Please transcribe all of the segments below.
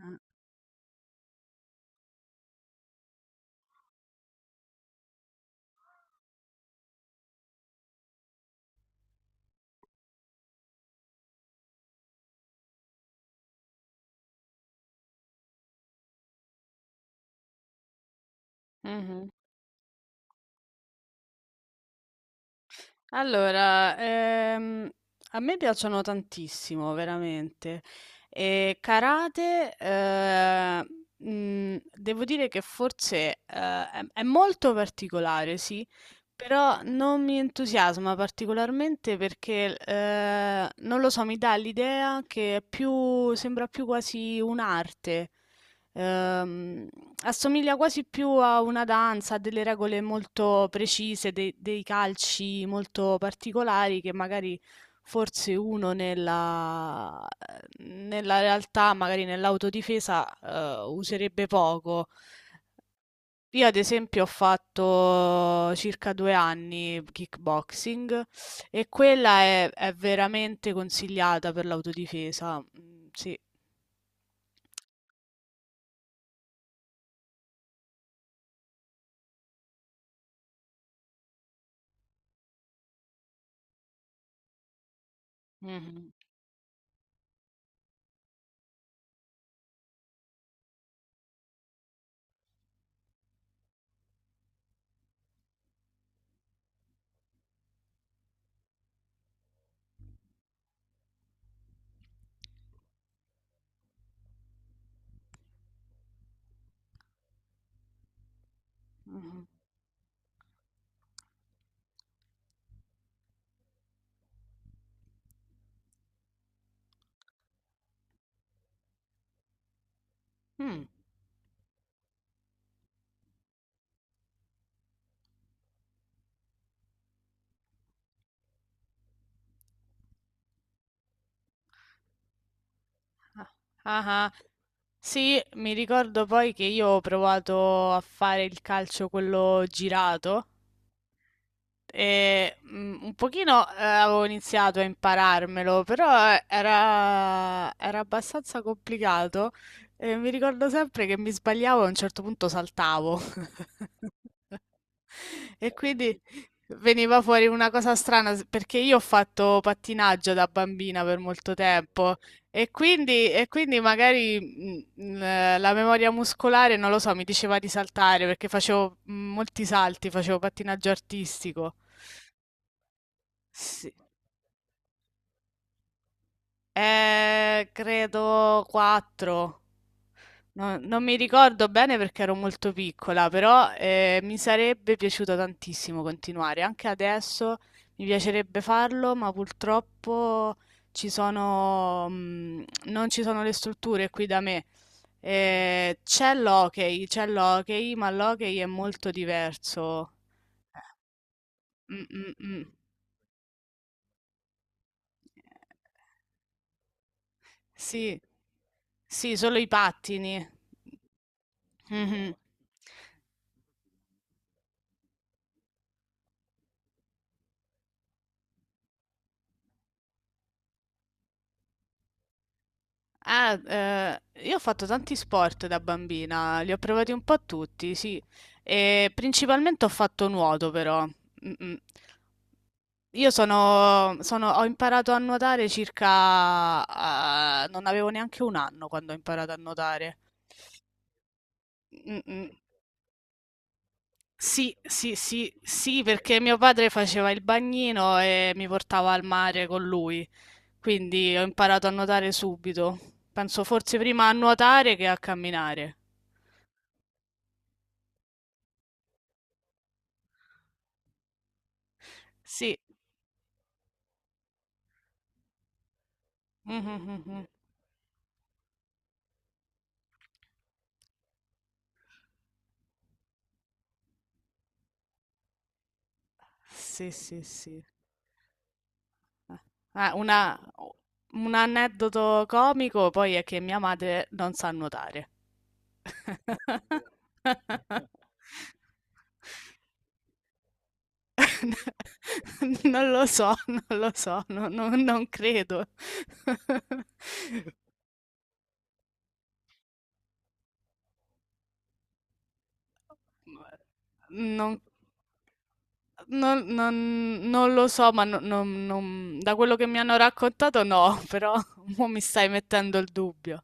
Ah. Mh-mh. Allora, a me piacciono tantissimo, veramente. E karate, devo dire che forse, è molto particolare, sì. Però non mi entusiasma particolarmente perché non lo so, mi dà l'idea che sembra più quasi un'arte. Ehm, Assomiglia quasi più a una danza, a delle regole molto precise, dei calci molto particolari che magari forse uno nella realtà, magari nell'autodifesa, userebbe poco. Io ad esempio ho fatto circa due anni kickboxing e quella è veramente consigliata per l'autodifesa. Mm. Sì. Mhm, mhm. Mm. Ah, ah, ah. Sì, mi ricordo poi che io ho provato a fare il calcio quello girato e, un pochino avevo iniziato a impararmelo, però era abbastanza complicato. E mi ricordo sempre che mi sbagliavo e a un certo punto saltavo. E quindi veniva fuori una cosa strana perché io ho fatto pattinaggio da bambina per molto tempo e quindi magari la memoria muscolare, non lo so, mi diceva di saltare perché facevo molti salti, facevo pattinaggio artistico. Sì. Credo 4. Non mi ricordo bene perché ero molto piccola, però mi sarebbe piaciuto tantissimo continuare. Anche adesso mi piacerebbe farlo, ma purtroppo non ci sono le strutture qui da me. C'è l'hockey, ma l'hockey è molto diverso. Mm, mm, mm. Sì, sì, solo i pattini. Mhm. Ah, eh, io ho fatto tanti sport da bambina, li ho provati un po' tutti, sì, e principalmente ho fatto nuoto però. Mm-mm. Ho imparato a nuotare circa... ah, non avevo neanche un anno quando ho imparato a nuotare. Mm-mm. Sì, sì, sì, sì, perché mio padre faceva il bagnino e mi portava al mare con lui, quindi ho imparato a nuotare subito. Penso forse prima a nuotare che a camminare. Sì. Mh, mh, mh, mh. Sì, sì, sì. Ah, una o un aneddoto comico poi è che mia madre non sa nuotare. Non lo so, non lo so, no, no, non credo. Non non non lo so, ma no, non non da quello che mi hanno raccontato no, però mo' mi stai mettendo il dubbio.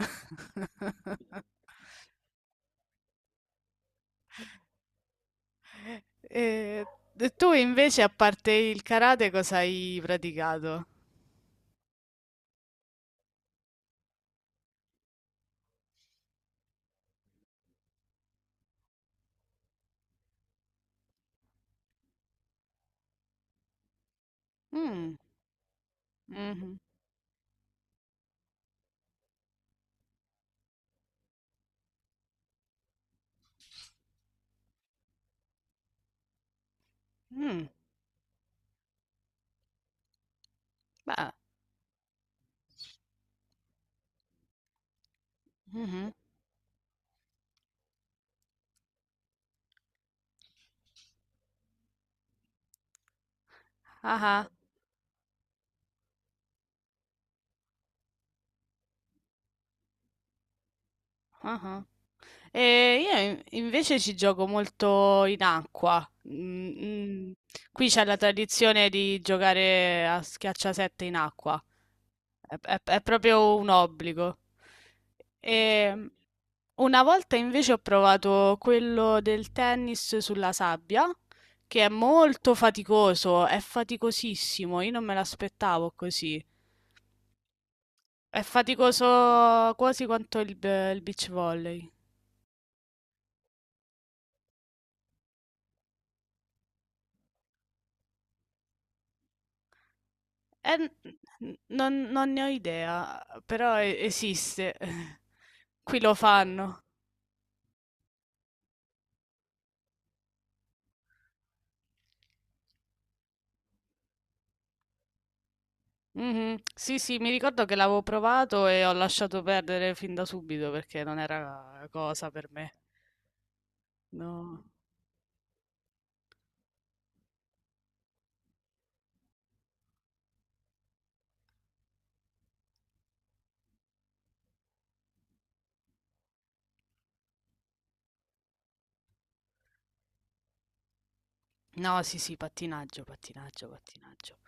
E tu invece, a parte il karate, cosa hai praticato? Mm, mhm, mm, beh, mhm, aha, aha. E invece ci gioco molto in acqua. Mm, mm. Qui c'è la tradizione di giocare a schiacciasette in acqua. È proprio un obbligo. E una volta invece ho provato quello del tennis sulla sabbia, che è molto faticoso, è faticosissimo, io non me l'aspettavo così. È faticoso quasi quanto il beach volley. Eh, non ne ho idea, però esiste. Qui lo fanno. Mhm. Sì, sì, mi ricordo che l'avevo provato e ho lasciato perdere fin da subito perché non era cosa per me. No, no, sì, sì, pattinaggio, pattinaggio, pattinaggio.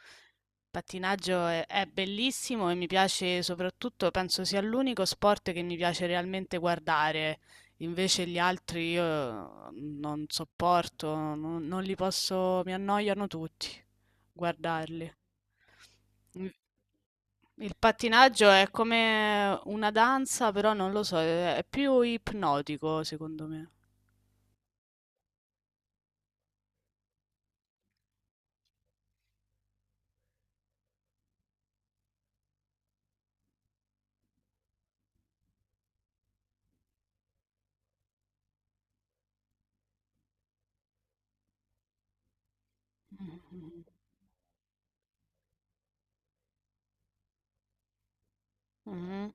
È bellissimo e mi piace soprattutto, penso sia l'unico sport che mi piace realmente guardare. Invece gli altri io non sopporto, non li posso, mi annoiano tutti guardarli. Il pattinaggio è come una danza, però non lo so, è più ipnotico secondo me. Mh-mh, mh-mh,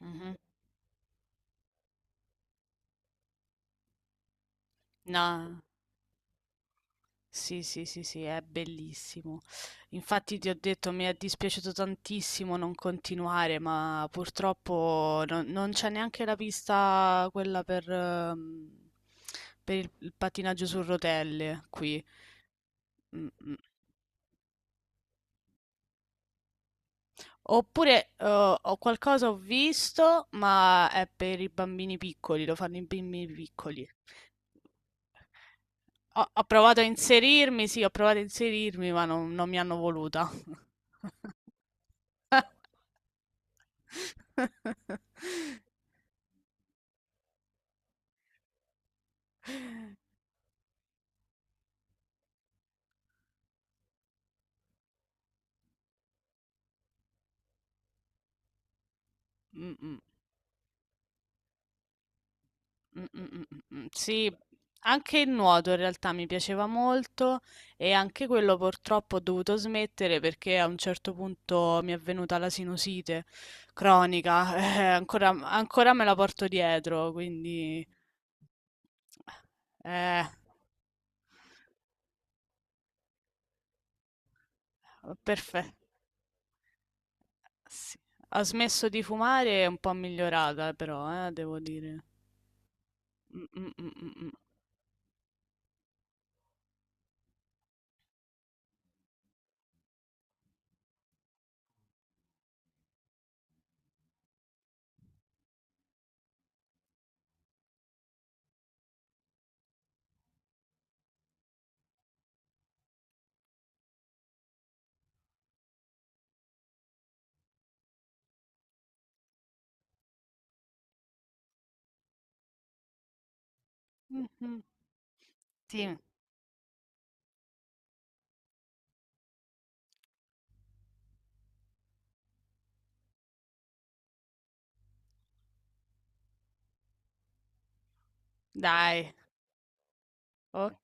mh-mh. No, sì, sì, sì, sì, è bellissimo. Infatti ti ho detto, mi è dispiaciuto tantissimo non continuare, ma purtroppo non c'è neanche la pista quella per il pattinaggio su rotelle qui. Mm, mm. Oppure ho qualcosa ho visto, ma è per i bambini piccoli, lo fanno i bambini piccoli. Ho provato a inserirmi, sì, ho provato a inserirmi, ma non mi hanno voluta. Mm, mm. Mm, mm, mm, mm, mm. Sì, anche il nuoto in realtà mi piaceva molto e anche quello purtroppo ho dovuto smettere perché a un certo punto mi è venuta la sinusite cronica, ancora me la porto dietro, quindi eh, perfetto. Sì. Ho smesso di fumare, è un po' migliorata però, devo dire. Mm, mm, mm, mm, mm. Mhm. Sì, dai, ok.